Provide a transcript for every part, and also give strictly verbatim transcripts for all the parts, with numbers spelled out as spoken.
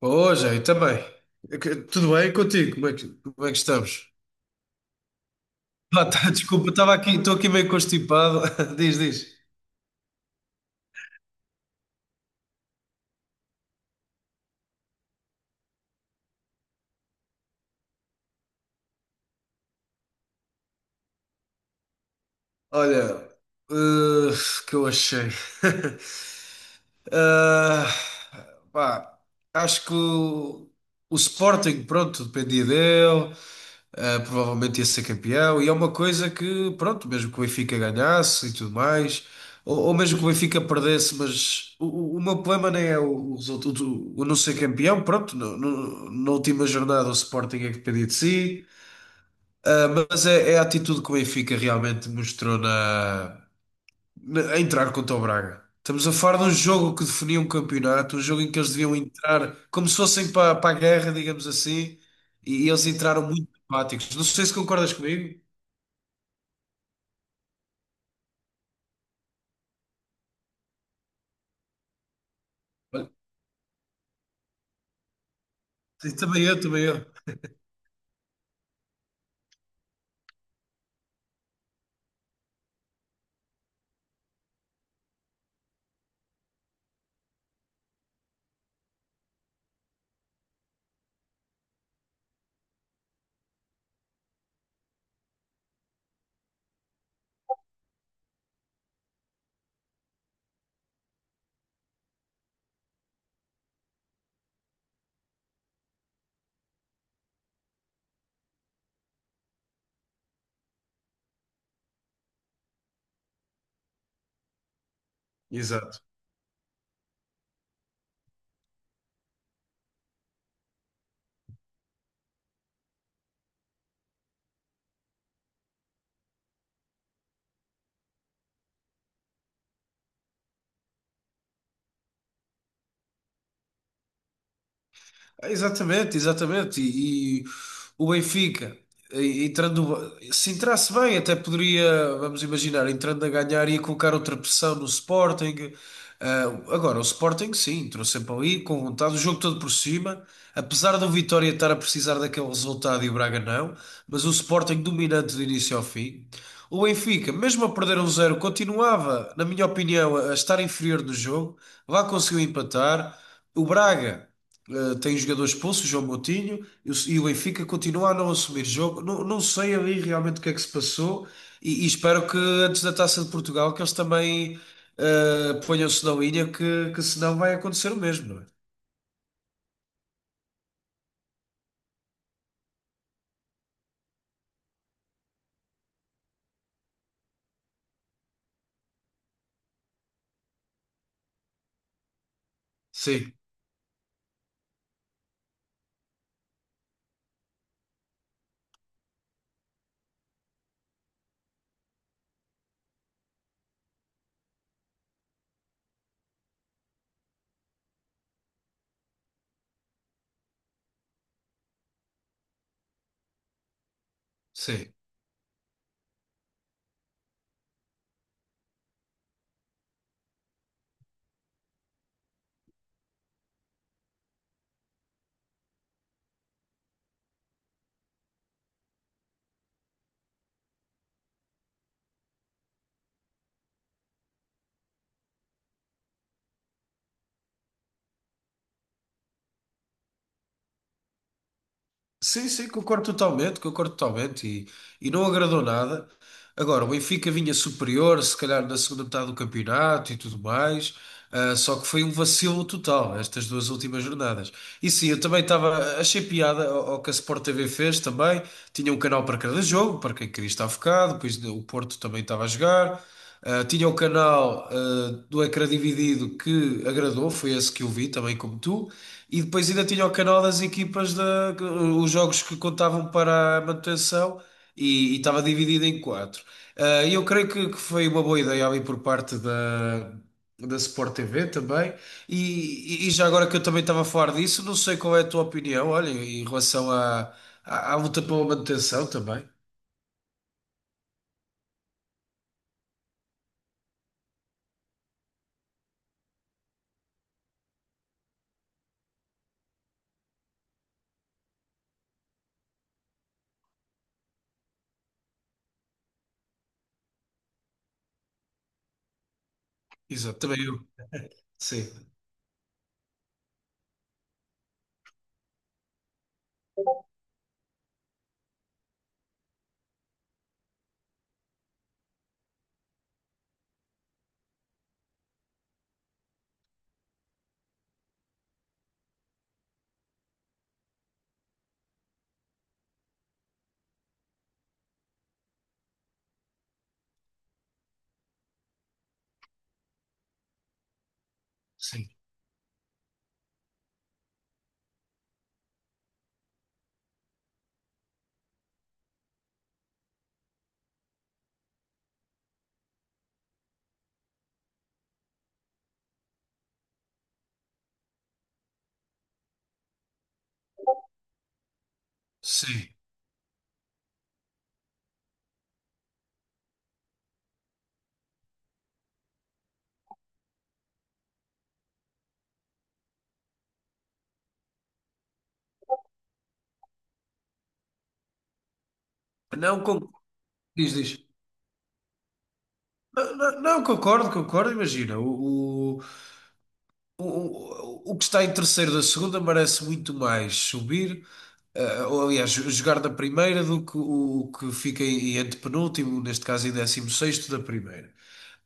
Ô, Jair, também. É que- Tudo bem contigo? Como é que, como é que estamos? Ah, tá, desculpa, estava aqui, estou aqui meio constipado. Diz, diz. Olha, eh, que eu achei. ah pá, acho que o, o Sporting, pronto, dependia dele. Uh, provavelmente ia ser campeão, e é uma coisa que, pronto, mesmo que o Benfica ganhasse e tudo mais, ou, ou mesmo que o Benfica perdesse, mas o, o- o meu problema nem é o, o resultado, o, o não ser campeão, pronto, no, no- na última jornada o Sporting é que dependia de si. Uh, mas é, é a atitude que o Benfica realmente mostrou na, a entrar contra o Braga. Estamos a falar de um jogo que definia um campeonato, um jogo em que eles deviam entrar como se fossem para, para a guerra, digamos assim, e e eles entraram muito apáticos. Não sei se concordas comigo. Olha. Também eu, também eu. Exato. Exatamente, exatamente. E, e o Benfica, e- entrando, se entrasse bem, até poderia, vamos imaginar, entrando a ganhar, ia colocar outra pressão no Sporting. Ah, agora, o Sporting, sim, entrou sempre ali, com vontade, o jogo todo por cima. Apesar do Vitória estar a precisar daquele resultado e o Braga não, mas o Sporting dominante do início ao fim. O Benfica, mesmo a perder um zero, continuava, na minha opinião, a a estar inferior no jogo. Lá conseguiu empatar. O Braga. Uh, tem jogadores expulso, João Moutinho, e o e o Benfica continua a não assumir jogo. Não, não sei ali realmente o que é que se passou e, e espero que antes da Taça de Portugal que eles também uh, ponham-se na linha, que, que senão vai acontecer o mesmo, não é? Sim, sim. Sim, sim, concordo totalmente, concordo totalmente e, e não agradou nada. Agora, o Benfica vinha superior, se calhar na segunda metade do campeonato e tudo mais, ah, só que foi um vacilo total estas duas últimas jornadas. E sim, eu também estava, achei piada ao, ao que a Sport T V fez também, tinha um canal para cada jogo, para quem queria estar focado, depois o Porto também estava a jogar. Uh, tinha o canal uh, do Ecrã Dividido que agradou, foi esse que eu vi, também como tu. E depois ainda tinha o canal das equipas, da, os jogos que contavam para a manutenção e e estava dividido em quatro. Uh, E eu creio que, que foi uma boa ideia ali por parte da, da Sport T V também. E, e- e já agora que eu também estava a falar disso, não sei qual é a tua opinião, olha, em relação à, à, à luta pela manutenção também. Exato, também eu. Sim, sim, sim. Não, con- diz, diz. Não, não, não, concordo, concordo. Imagina, o, o, o, o que está em terceiro da segunda merece muito mais subir, eh, ou aliás, jo- jogar da primeira do que o, o que fica em antepenúltimo, neste caso em décimo sexto da primeira.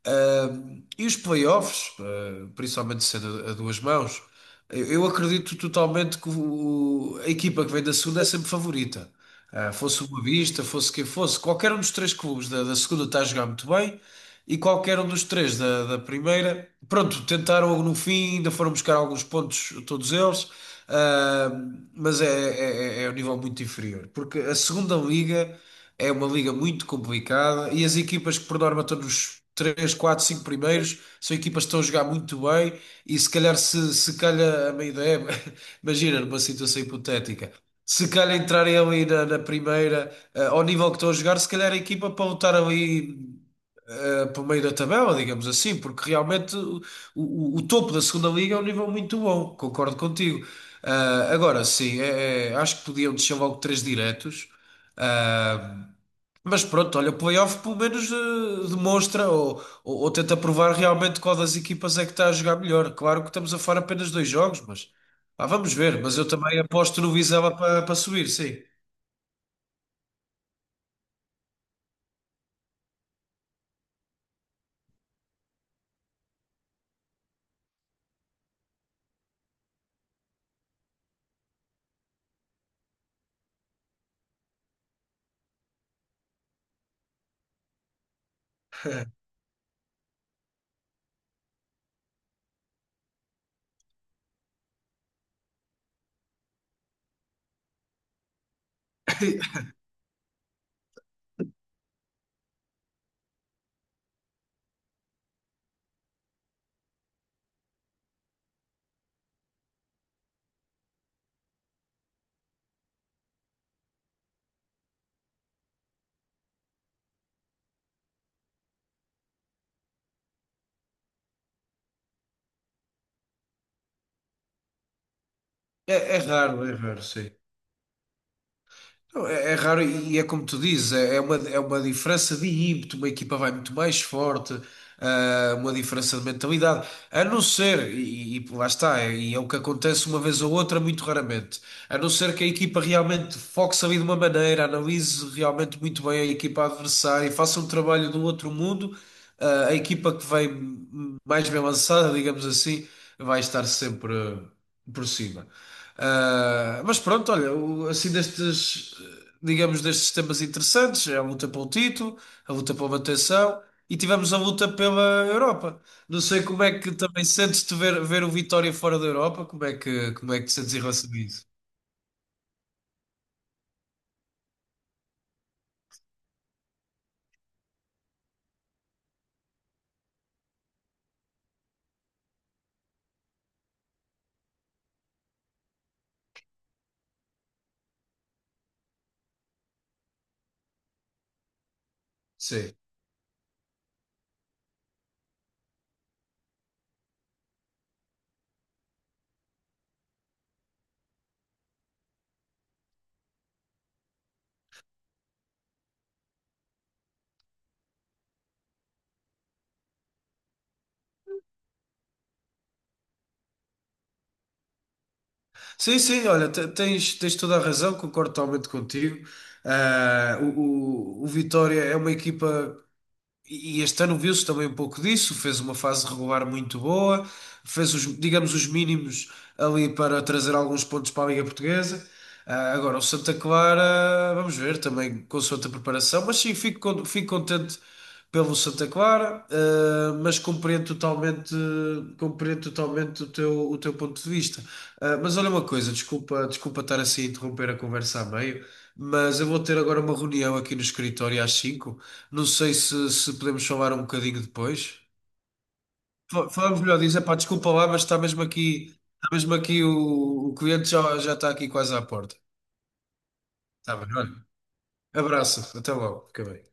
Um, e os playoffs, uh, principalmente sendo a a duas mãos, eu eu acredito totalmente que o- a equipa que vem da segunda é sempre favorita. Uh, fosse o Boa Vista, fosse quem fosse, qualquer um dos três clubes da, da segunda está a jogar muito bem e qualquer um dos três da, da primeira, pronto, tentaram no fim, ainda foram buscar alguns pontos, todos eles, uh, mas é, é, é é um nível muito inferior, porque a segunda liga. É uma liga muito complicada e as equipas que por norma estão nos três, quatro, cinco primeiros são equipas que estão a jogar muito bem e se calhar se, se calha a meio da época, imagina numa situação hipotética, se calhar entrarem ali na, na primeira, eh, ao nível que estão a jogar, se calhar a equipa para lutar ali eh, para o meio da tabela, digamos assim, porque realmente o, o- o topo da segunda liga é um nível muito bom, concordo contigo. Ah, agora sim, é- é, acho que podiam descer logo três diretos. eh, mas pronto, olha, o playoff pelo menos eh, demonstra ou, ou, ou tenta provar realmente qual das equipas é que está a jogar melhor. Claro que estamos a falar apenas dois jogos, mas ah, vamos ver. Mas eu também aposto no Vizela para para subir, sim. É, é raro, é raro, sim. Não, é, é raro e é como tu dizes, é é uma, é uma diferença de ímpeto, uma equipa vai muito mais forte, ah, uma diferença de mentalidade, a não ser, e, e lá está, é- e é o que acontece uma vez ou outra, muito raramente, a não ser que a equipa realmente foque-se ali de uma maneira, analise realmente muito bem a equipa adversária e faça um trabalho do outro mundo, ah, a equipa que vem mais bem lançada, digamos assim, vai estar sempre por cima. Ah, mas pronto, olha, o- assim destes, digamos, destes temas interessantes, é a luta pelo título, a luta pela manutenção e tivemos a luta pela Europa. Não sei como é que também sentes-te ver, ver o Vitória fora da Europa, como é que, como é que te sentes em relação a isso? Sim. Sim, sim, olha, te- tens, tens toda a razão, concordo totalmente contigo. Ah, o, o, o Vitória é uma equipa. E este ano viu-se também um pouco disso, fez uma fase regular muito boa, fez os, digamos, os mínimos ali para trazer alguns pontos para a Liga Portuguesa. Ah, agora, o Santa Clara, vamos ver também com a sua preparação, mas sim, fico, con- fico contente pelo Santa Clara, ah, mas compreendo totalmente, compreendo totalmente o teu, o teu ponto de vista. Ah, mas olha uma coisa, desculpa, desculpa estar assim a interromper a conversa a meio, mas eu vou ter agora uma reunião aqui no escritório às cinco, não sei se, se podemos falar um bocadinho depois. Fa- Falamos melhor disso. Epá, desculpa lá, mas está mesmo aqui, está mesmo aqui o, o cliente já, já está aqui quase à porta. Está bem, olha. Abraço, até logo, fica bem.